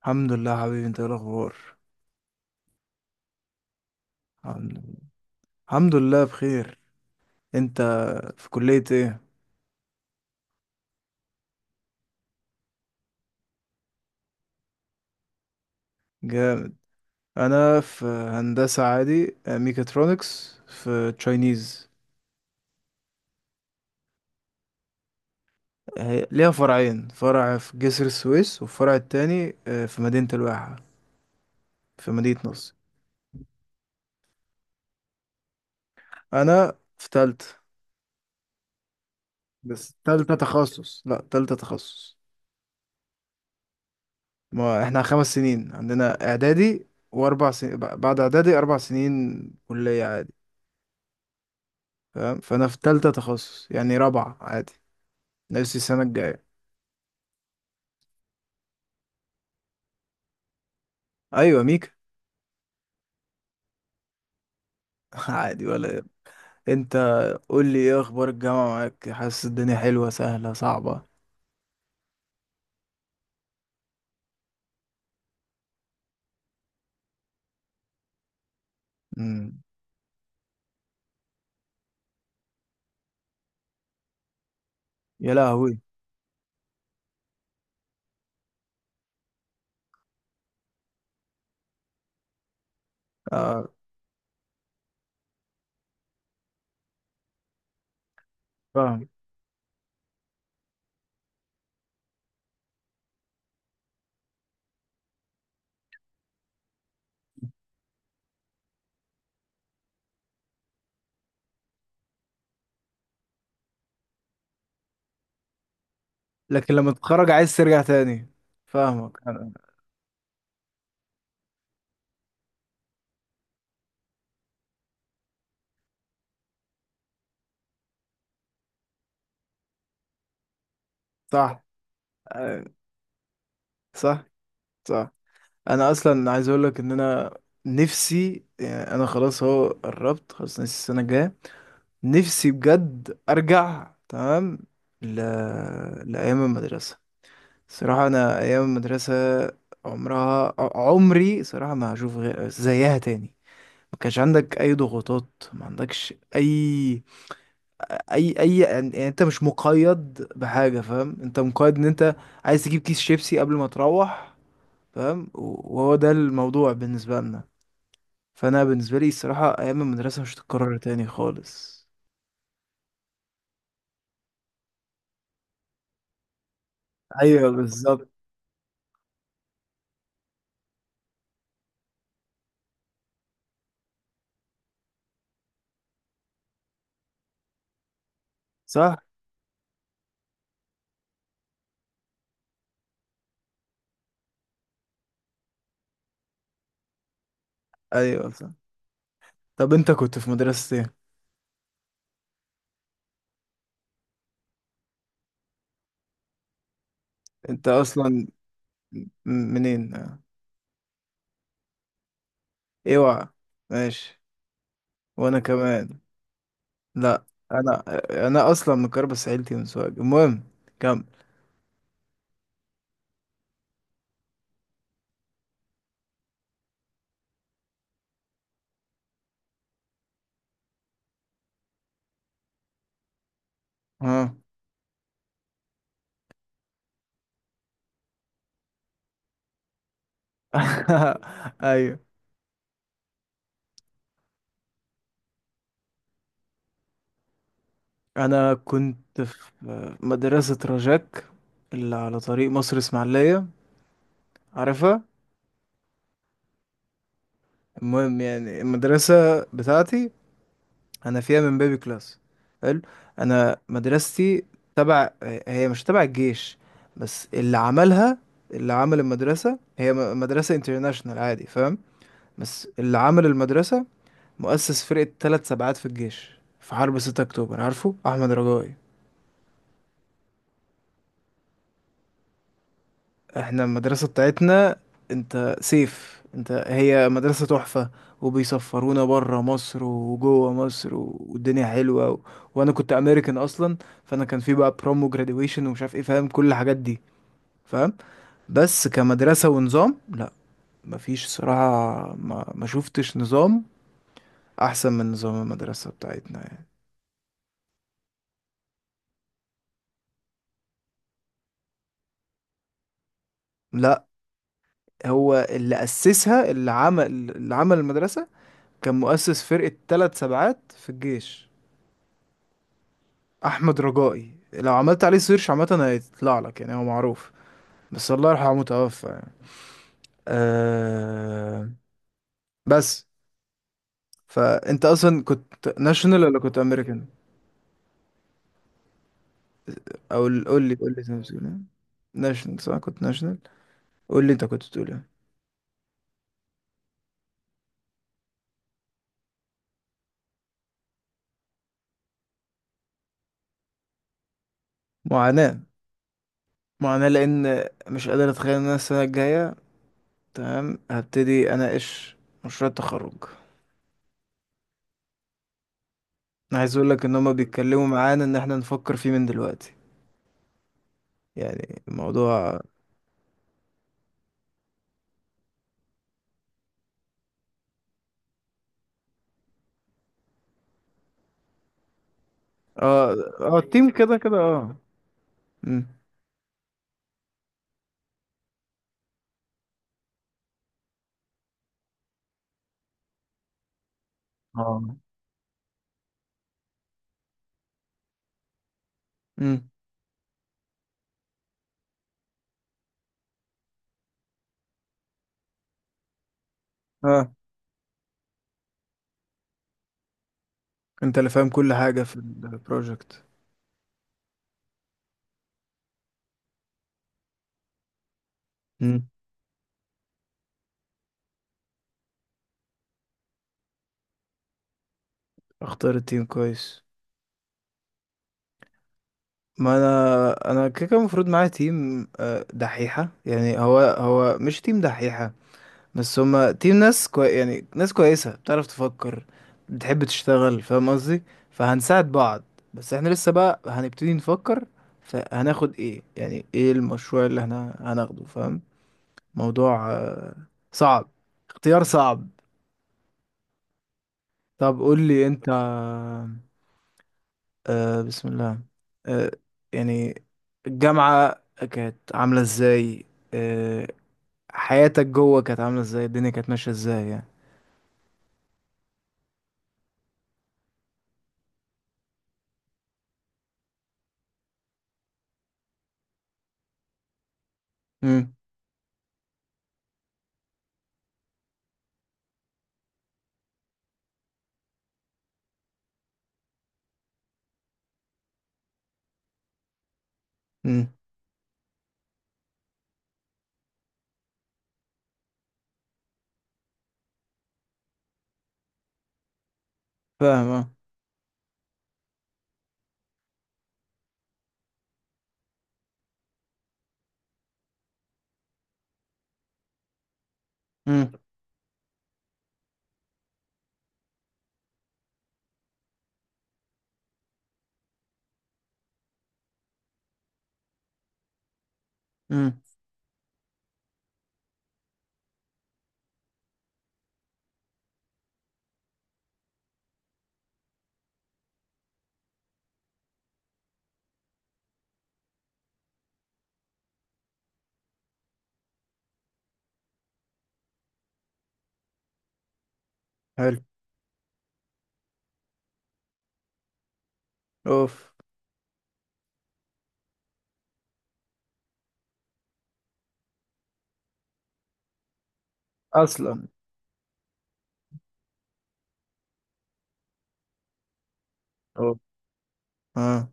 الحمد لله حبيبي، انت ايه الاخبار؟ الحمد لله. الحمد لله بخير. انت في كلية ايه؟ جامد. انا في هندسة عادي ميكاترونكس في تشاينيز. ليها فرعين، فرع في جسر السويس والفرع التاني في مدينة الواحة، في مدينة نصر. انا في تالتة. بس تالتة تخصص، لا تالتة تخصص. ما احنا خمس سنين عندنا اعدادي، واربع سنين بعد اعدادي، اربع سنين كلية عادي. فاهم، فانا في تالتة تخصص يعني رابعة عادي، نفس السنة الجاية. ايوه ميكا. عادي ولا إيه؟ انت، قول لي ايه اخبار الجامعة معاك؟ حاسس الدنيا حلوة، سهلة، صعبة؟ امم يا لهوي. آه. فاهم. لكن لما تتخرج عايز ترجع تاني. فاهمك أنا- صح. آه، صح. صح. انا اصلا عايز اقول لك ان انا نفسي، يعني انا خلاص اهو قربت خلاص، نفسي السنة الجاية نفسي بجد ارجع تمام ل... لأيام المدرسة. صراحة أنا أيام المدرسة عمرها، عمري صراحة ما هشوف غير زيها تاني. ما كانش عندك أي ضغوطات، ما عندكش أي أي، يعني يعني أنت مش مقيد بحاجة. فاهم؟ أنت مقيد إن أنت عايز تجيب كيس شيبسي قبل ما تروح. فاهم؟ وهو ده الموضوع بالنسبة لنا. فأنا بالنسبة لي الصراحة أيام المدرسة مش هتتكرر تاني خالص. أيوه بالظبط. صح. أيوه صح. طب أنت كنت في مدرسة إيه؟ أنت أصلا منين؟ اوعى. ماشي. وانا كمان. لا، انا انا اصلا من كربس، عيلتي من سوهاج. المهم كمل. ها. ايوه، انا كنت في مدرسة رجاك اللي على طريق مصر اسماعيلية، عارفها؟ المهم يعني المدرسة بتاعتي انا فيها من بيبي كلاس. حلو. انا مدرستي تبع، هي مش تبع الجيش، بس اللي عملها، اللي عمل المدرسة، هي مدرسة انترناشونال عادي، فاهم؟ بس اللي عمل المدرسة مؤسس فرقة ثلاث سبعات في الجيش في حرب 6 أكتوبر، عارفه أحمد رجائي؟ احنا المدرسة بتاعتنا، انت سيف انت، هي مدرسة تحفة. وبيسفرونا برا مصر وجوه مصر، والدنيا حلوة وانا كنت امريكان اصلا. فانا كان في بقى بروم وجراديويشن ومش عارف ايه، فاهم؟ كل الحاجات دي، فاهم؟ بس كمدرسة ونظام، لا، مفيش صراحة، ما شفتش نظام احسن من نظام المدرسة بتاعتنا يعني. لا، هو اللي أسسها، اللي عمل، اللي عمل المدرسة كان مؤسس فرقة ثلاث سبعات في الجيش، أحمد رجائي. لو عملت عليه سيرش عامة هيطلع لك، يعني هو معروف، بس الله يرحمه، متوفى يعني. أه. بس. فأنت أصلا كنت ناشونال ولا كنت أمريكان؟ قول لي، قول لي أنت بتقول إيه؟ ناشونال، صح كنت ناشونال. قول لي أنت كنت بتقول إيه؟ معاناة. معاناة، لأن مش قادر أتخيل إن أنا السنة الجاية تمام هبتدي أناقش مشروع التخرج. انا عايز اقول لك ان هما بيتكلموا معانا ان احنا نفكر فيه من دلوقتي. يعني الموضوع. اه. اه التيم كده كده اه. امم اه. امم اه، انت اللي فاهم كل حاجة في البروجكت. امم اختار التيم كويس. ما انا كده كده المفروض معايا تيم دحيحة، يعني هو مش تيم دحيحة، بس هما تيم ناس يعني ناس كويسة، بتعرف تفكر، بتحب تشتغل. فاهم قصدي؟ فهنساعد بعض، بس احنا لسه بقى هنبتدي نفكر. فهناخد ايه، يعني ايه المشروع اللي احنا هناخده، فاهم؟ موضوع صعب، اختيار صعب. طب قول لي انت. بسم الله. آه يعني الجامعة كانت عاملة ازاي؟ آه حياتك جوه كانت عاملة ازاي؟ الدنيا كانت ماشية ازاي يعني؟ امم امم فاهم. اه. امم حلو. اوف. اصلا. اوف. اه.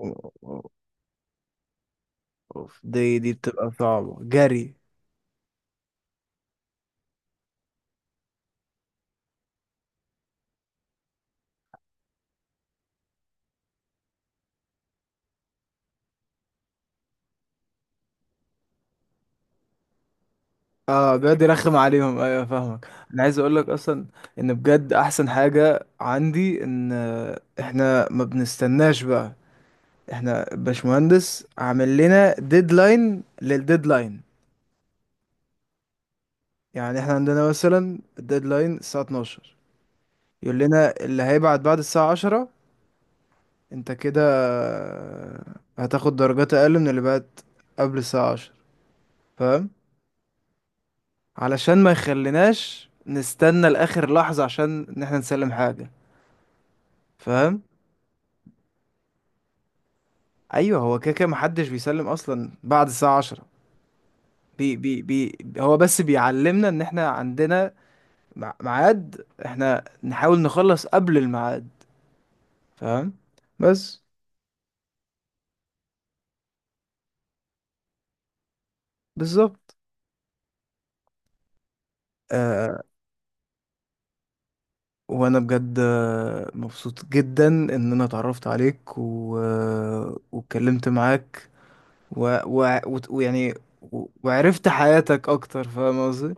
أو- أو- اوف، دي بتبقى صعبة جري. اه بجد رخم عليهم، ايوه فاهمك. انا عايز اقول لك اصلا ان بجد احسن حاجة عندي ان احنا ما بنستناش بقى. احنا باشمهندس عامل لنا ديدلاين للديدلاين، يعني احنا عندنا مثلا الديدلاين الساعة 12، يقول لنا اللي هيبعت بعد الساعة 10 انت كده هتاخد درجات اقل من اللي بقت قبل الساعة عشر، فاهم؟ علشان ما يخليناش نستنى لاخر لحظة عشان ان احنا نسلم حاجة، فاهم؟ ايوه، هو كده كده محدش بيسلم اصلا بعد الساعة عشرة، بي هو بس بيعلمنا ان احنا عندنا ميعاد، احنا نحاول نخلص قبل الميعاد، فاهم؟ بس. بالظبط. آه، وانا بجد مبسوط جدا ان انا اتعرفت عليك و... آه، واتكلمت معاك ويعني وعرفت حياتك اكتر، فاهم قصدي؟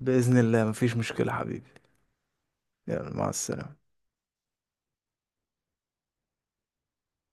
بإذن الله مفيش مشكلة حبيبي. يلا مع السلامة.